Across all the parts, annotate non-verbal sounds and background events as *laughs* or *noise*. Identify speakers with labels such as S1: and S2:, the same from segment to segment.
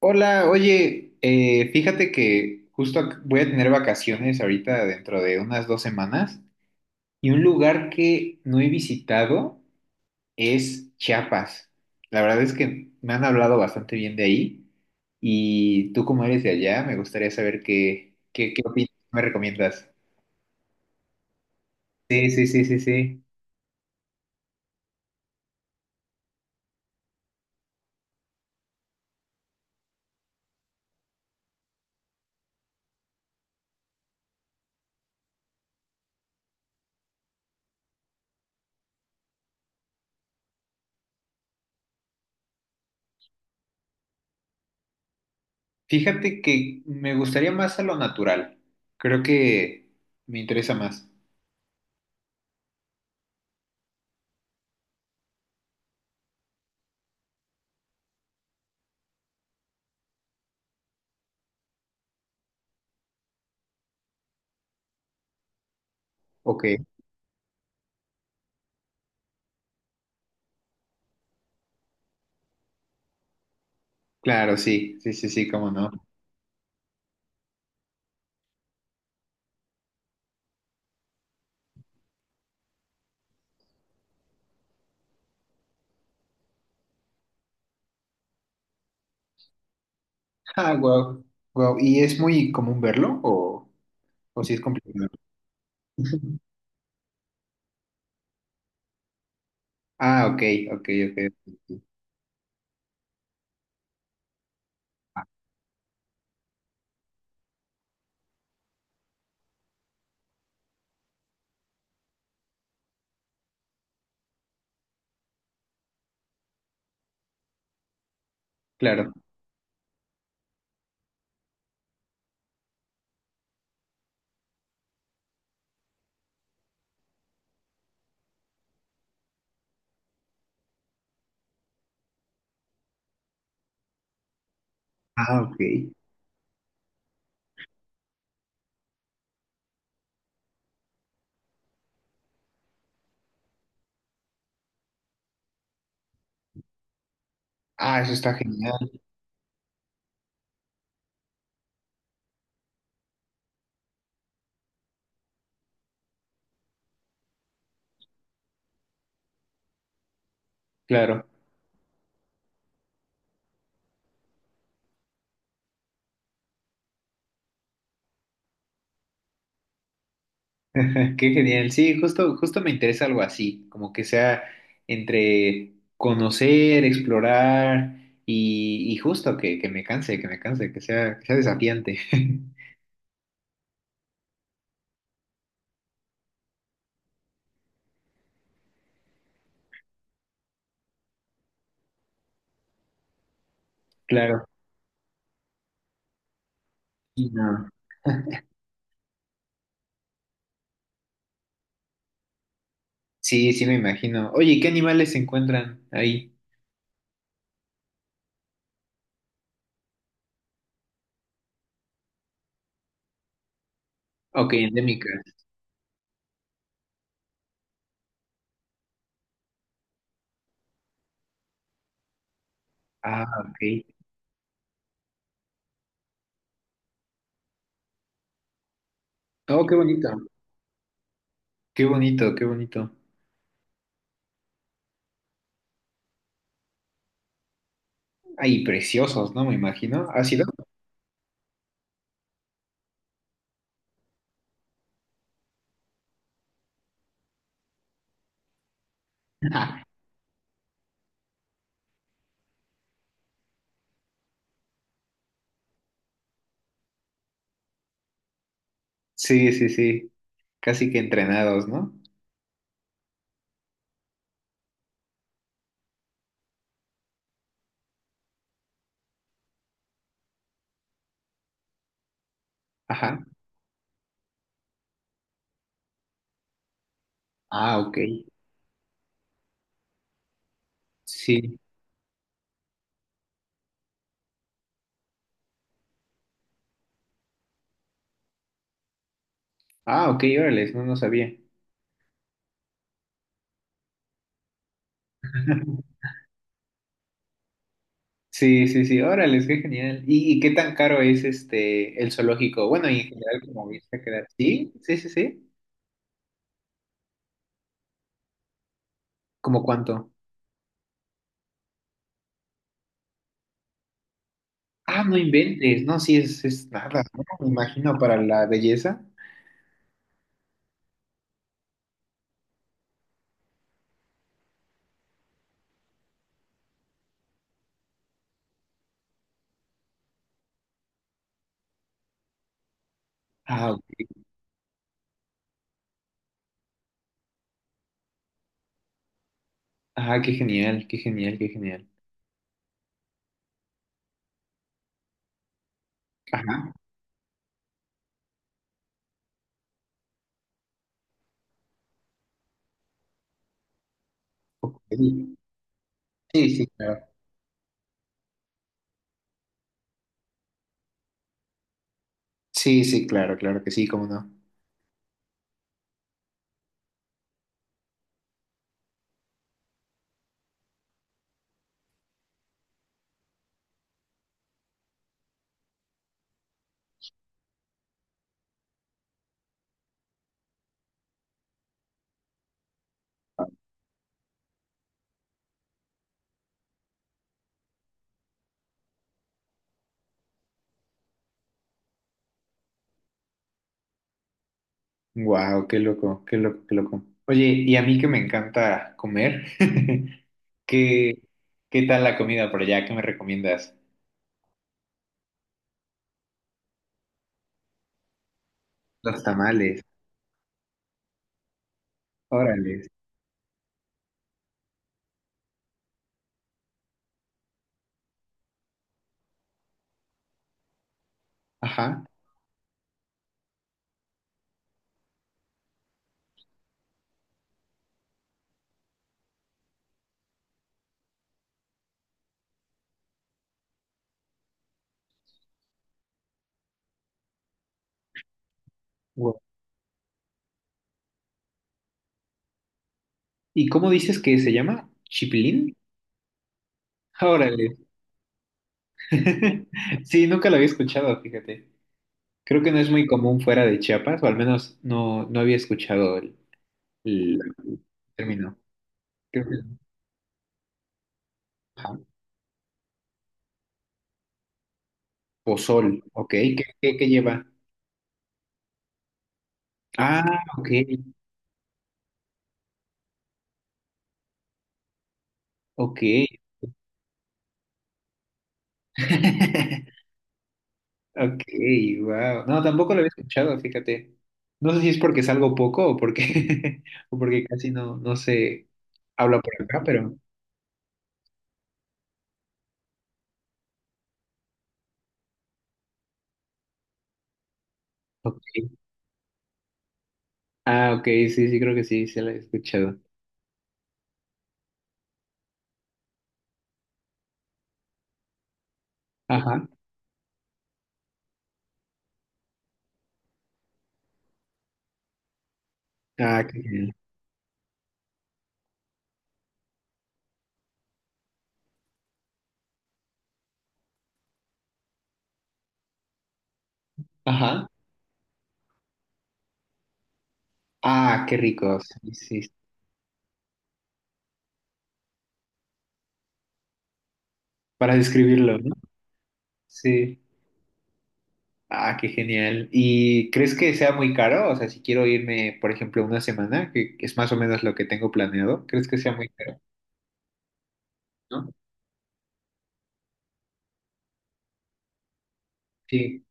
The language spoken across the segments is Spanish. S1: Hola, oye, fíjate que justo voy a tener vacaciones ahorita dentro de unas dos semanas y un lugar que no he visitado es Chiapas. La verdad es que me han hablado bastante bien de ahí y tú como eres de allá, me gustaría saber qué opinas, qué me recomiendas. Sí, sí, sí, sí, sí. Fíjate que me gustaría más a lo natural. Creo que me interesa más. Ok, claro, sí, sí, sí, sí, cómo no. Ah, wow, wow. ¿Y es muy común verlo o si es complicado? Ah, ok, ok, ok. Ah, claro. Ah, ok. Ah, eso está genial, claro. *laughs* Qué genial. Sí, justo, justo me interesa algo así, como que sea entre conocer, explorar y justo que me canse, que me canse, que sea desafiante. *laughs* Claro. Y no. Sí, sí, me imagino. Oye, ¿y qué animales se encuentran ahí? Ok, endémicas. Ah, ok. Oh, qué bonito. Qué bonito, qué bonito. Ay, preciosos, ¿no? Me imagino. ¿Ha sido? *laughs* Sí, sí, sí. Casi que entrenados, ¿no? Ajá. Ah, ok. Sí. Ah, ok, órale, no, no sabía. *laughs* Sí, sí, sí, órale, qué genial. Y qué tan caro es este el zoológico? Bueno, y en general, como viste a quedar. Sí, sí, sí, sí. ¿Cómo cuánto? Ah, no inventes, no, sí, es nada, ¿no? Me imagino para la belleza. Ah, ok. Ah, qué genial, qué genial, qué genial. Ajá. Ok. Sí, sí, claro. Sí, sí, claro, claro que sí, cómo no. Wow, qué loco, qué loco, qué loco. Oye, y a mí que me encanta comer, *laughs* ¿qué, qué tal la comida por allá? ¿Qué me recomiendas? Los tamales, órale. Ajá. Guau. ¿Y cómo dices que se llama? ¿Chipilín? Órale. *laughs* Sí, nunca lo había escuchado, fíjate. Creo que no es muy común fuera de Chiapas, o al menos no, no había escuchado el término. Creo que- ajá. Pozol, ok. ¿Qué, qué, qué lleva? Ah, ok, ok. *laughs* Ok, wow. No, tampoco lo había escuchado, fíjate. No sé si es porque salgo poco o porque, *laughs* o porque casi no, no se habla por acá, pero. Ok. Ah, ok, sí, sí, creo que sí, se lo he escuchado. Ajá. Ah, qué genial. Ajá. Ah, qué rico. Sí, sí. Sí. Para describirlo, ¿no? Sí. Ah, qué genial. ¿Y crees que sea muy caro? O sea, si quiero irme, por ejemplo, una semana, que es más o menos lo que tengo planeado, ¿crees que sea muy caro? ¿No? Sí.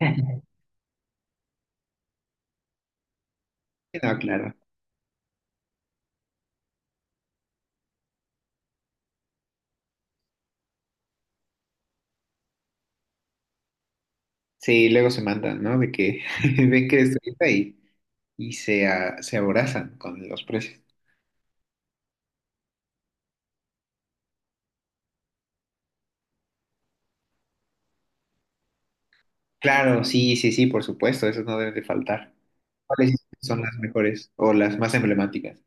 S1: *laughs* Sí, no, claro. Sí, luego se mandan, ¿no? De que *laughs* ven que destruida y, y se aborazan con los precios. Claro, sí, sí, sí, por supuesto, esos no deben de faltar. ¿Cuáles son las mejores o las más emblemáticas?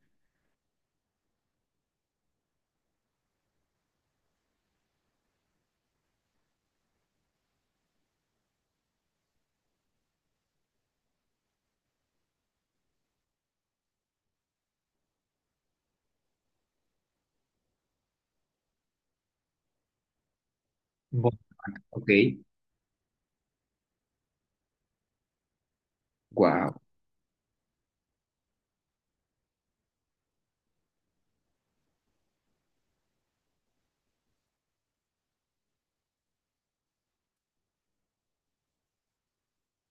S1: Bueno, ok. Wow,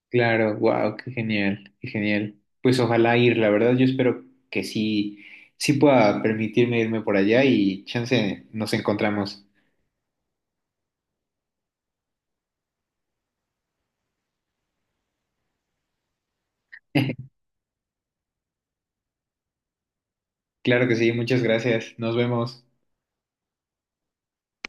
S1: claro, wow, qué genial, qué genial. Pues ojalá ir, la verdad, yo espero que sí, sí pueda permitirme irme por allá y chance nos encontramos. *laughs* Claro que sí, muchas gracias. Nos vemos.